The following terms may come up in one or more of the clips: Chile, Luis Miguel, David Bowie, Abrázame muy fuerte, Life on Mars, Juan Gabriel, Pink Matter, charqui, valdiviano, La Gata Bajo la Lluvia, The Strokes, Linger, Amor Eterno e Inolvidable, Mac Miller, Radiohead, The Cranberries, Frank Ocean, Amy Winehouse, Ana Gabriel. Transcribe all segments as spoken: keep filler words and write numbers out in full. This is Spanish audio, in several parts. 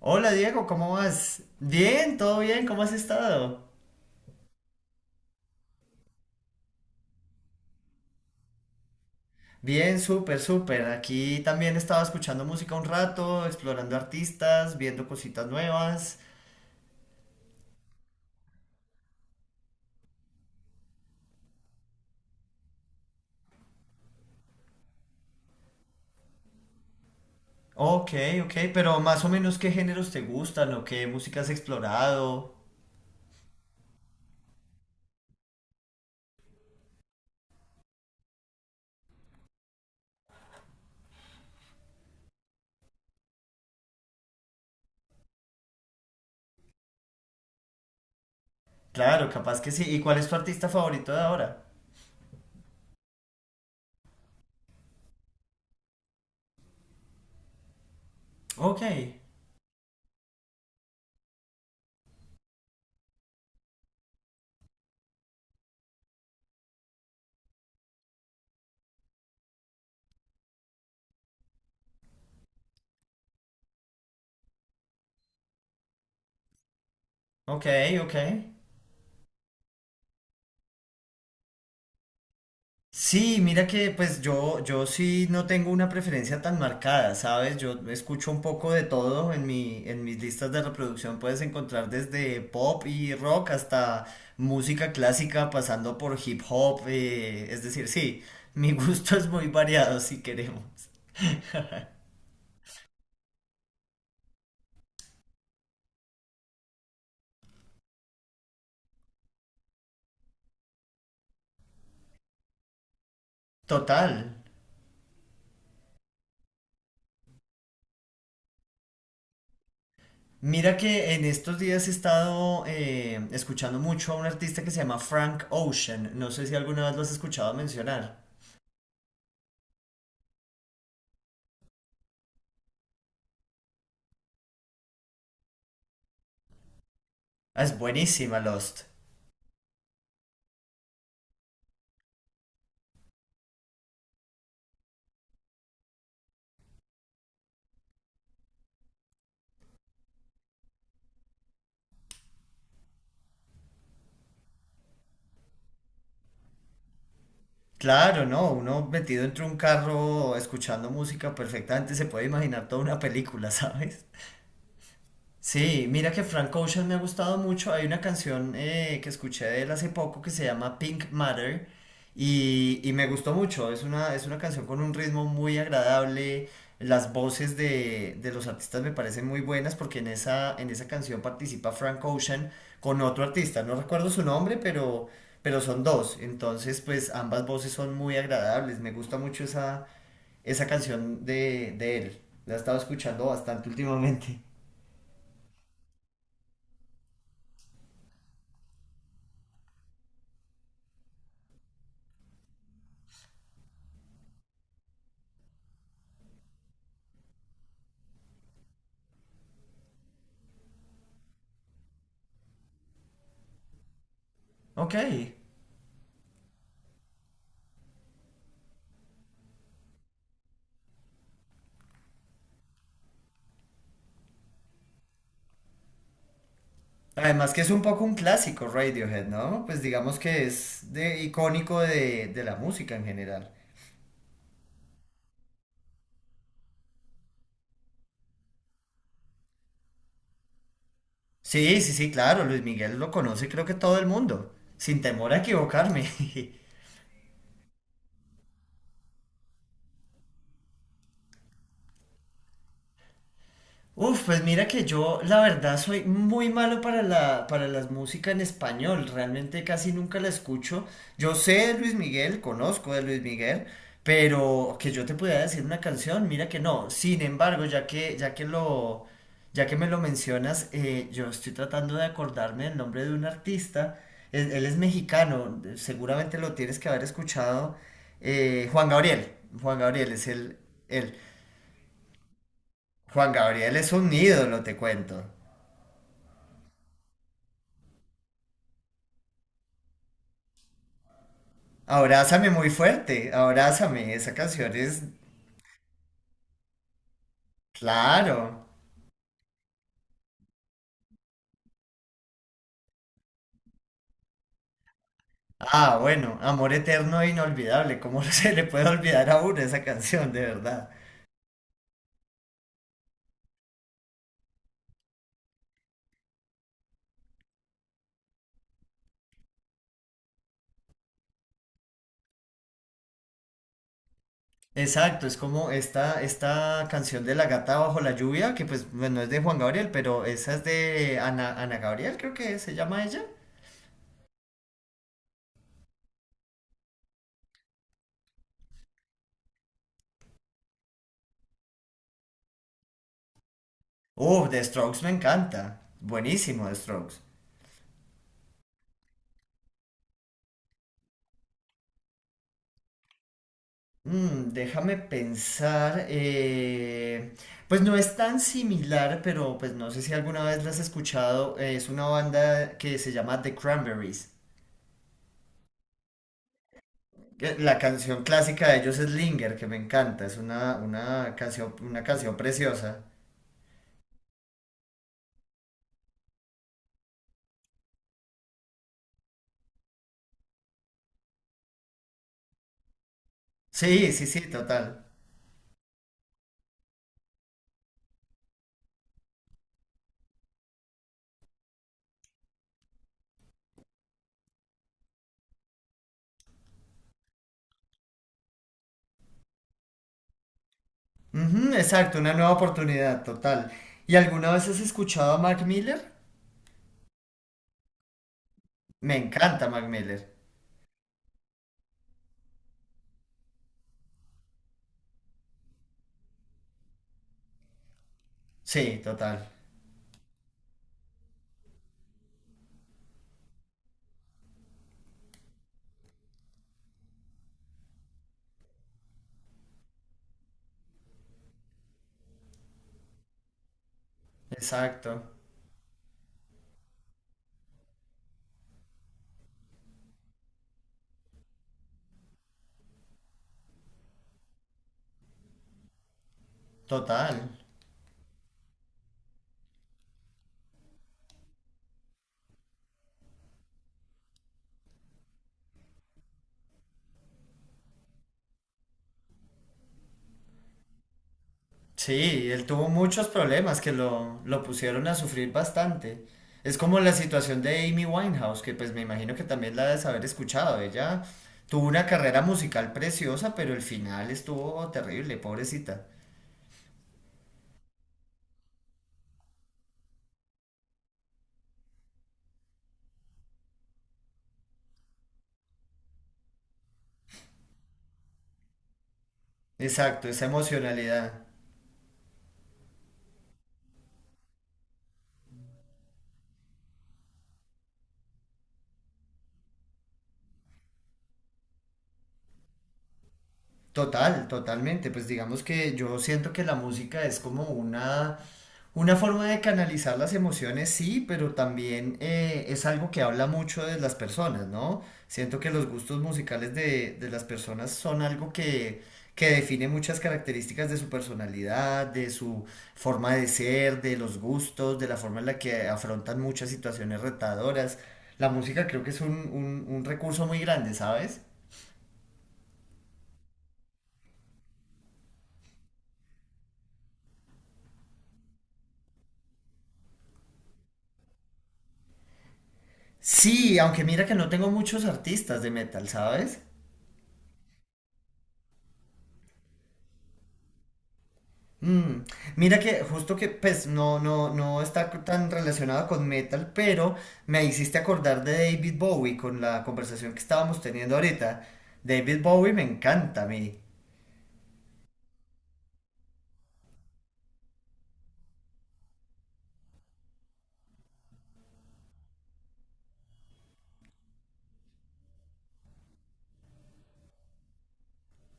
Hola Diego, ¿cómo vas? Bien, todo bien, ¿cómo has estado? Bien, súper, súper. Aquí también estaba escuchando música un rato, explorando artistas, viendo cositas nuevas. Ok, ok, pero más o menos qué géneros te gustan o qué música has explorado. Claro, capaz que sí. ¿Y cuál es tu artista favorito de ahora? Ok, ok, ok. Sí, mira que pues yo, yo sí no tengo una preferencia tan marcada, ¿sabes? Yo escucho un poco de todo en mi, en mis listas de reproducción puedes encontrar desde pop y rock hasta música clásica pasando por hip hop, eh, es decir, sí, mi gusto es muy variado si queremos. Total. Mira que en estos días he estado eh, escuchando mucho a un artista que se llama Frank Ocean, no sé si alguna vez lo has escuchado mencionar. Ah, es buenísima Lost. Claro, no, uno metido entre un carro escuchando música perfectamente se puede imaginar toda una película, ¿sabes? Sí, mira que Frank Ocean me ha gustado mucho. Hay una canción eh, que escuché de él hace poco que se llama Pink Matter y, y me gustó mucho. Es una, es una canción con un ritmo muy agradable. Las voces de, de los artistas me parecen muy buenas porque en esa, en esa canción participa Frank Ocean con otro artista. No recuerdo su nombre, pero, pero son dos. Entonces, pues ambas voces son muy agradables. Me gusta mucho esa, esa canción de, de él. La he estado escuchando bastante últimamente. Ok. Además que es un poco un clásico Radiohead, ¿no? Pues digamos que es de, icónico de, de la música en general. Sí, sí, sí, claro, Luis Miguel lo conoce creo que todo el mundo, sin temor a equivocarme. Uf, pues mira que yo la verdad soy muy malo para la, para las músicas en español, realmente casi nunca la escucho. Yo sé de Luis Miguel, conozco de Luis Miguel, pero que yo te pudiera decir una canción, mira que no. Sin embargo, ya que, ya que lo, ya que me lo mencionas, eh, yo estoy tratando de acordarme del nombre de un artista. Él, él es mexicano, seguramente lo tienes que haber escuchado. eh, Juan Gabriel, Juan Gabriel es el, el Juan Gabriel es un ídolo, te cuento. Abrázame muy fuerte, abrázame, esa canción es, claro. Ah, bueno, Amor Eterno e Inolvidable, ¿cómo se le puede olvidar a uno esa canción, de verdad? Exacto, es como esta, esta canción de La Gata Bajo la Lluvia, que pues bueno, es de Juan Gabriel, pero esa es de Ana, Ana Gabriel, creo que se llama ella. Uh, The Strokes me encanta, buenísimo The Strokes. Mm, déjame pensar. Eh, pues no es tan similar, pero pues no sé si alguna vez la has escuchado. Eh, es una banda que se llama The Cranberries. Que La canción clásica de ellos es Linger, que me encanta. Es una, una canción, una canción preciosa. Sí, sí, sí, total. Ujú, exacto, una nueva oportunidad, total. ¿Y alguna vez has escuchado a Mac Miller? Me encanta Mac Miller. Sí, total. Exacto. Total. Sí, él tuvo muchos problemas que lo, lo pusieron a sufrir bastante. Es como la situación de Amy Winehouse, que pues me imagino que también la debes haber escuchado. Ella tuvo una carrera musical preciosa, pero el final estuvo terrible, pobrecita. Exacto, esa emocionalidad. Total, totalmente. Pues digamos que yo siento que la música es como una, una forma de canalizar las emociones, sí, pero también eh, es algo que habla mucho de las personas, ¿no? Siento que los gustos musicales de, de las personas son algo que, que define muchas características de su personalidad, de su forma de ser, de los gustos, de la forma en la que afrontan muchas situaciones retadoras. La música creo que es un, un un recurso muy grande, ¿sabes? Sí, aunque mira que no tengo muchos artistas de metal, ¿sabes? Mm, mira que justo que pues no, no, no está tan relacionado con metal, pero me hiciste acordar de David Bowie con la conversación que estábamos teniendo ahorita. David Bowie me encanta a mí.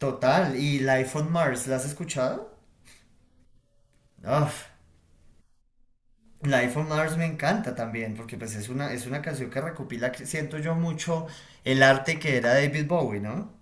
Total. ¿Y Life on Mars? ¿La has escuchado? Uf, Life on Mars me encanta también, porque pues es una, es una canción que recopila, que siento yo mucho, el arte que era David Bowie, ¿no?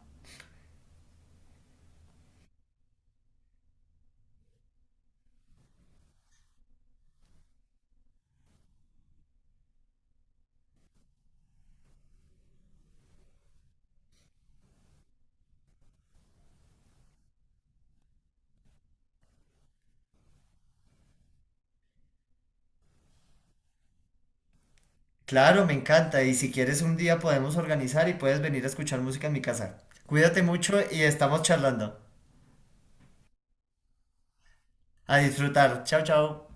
Claro, me encanta. Y si quieres un día podemos organizar y puedes venir a escuchar música en mi casa. Cuídate mucho y estamos charlando. A disfrutar. Chao, chao.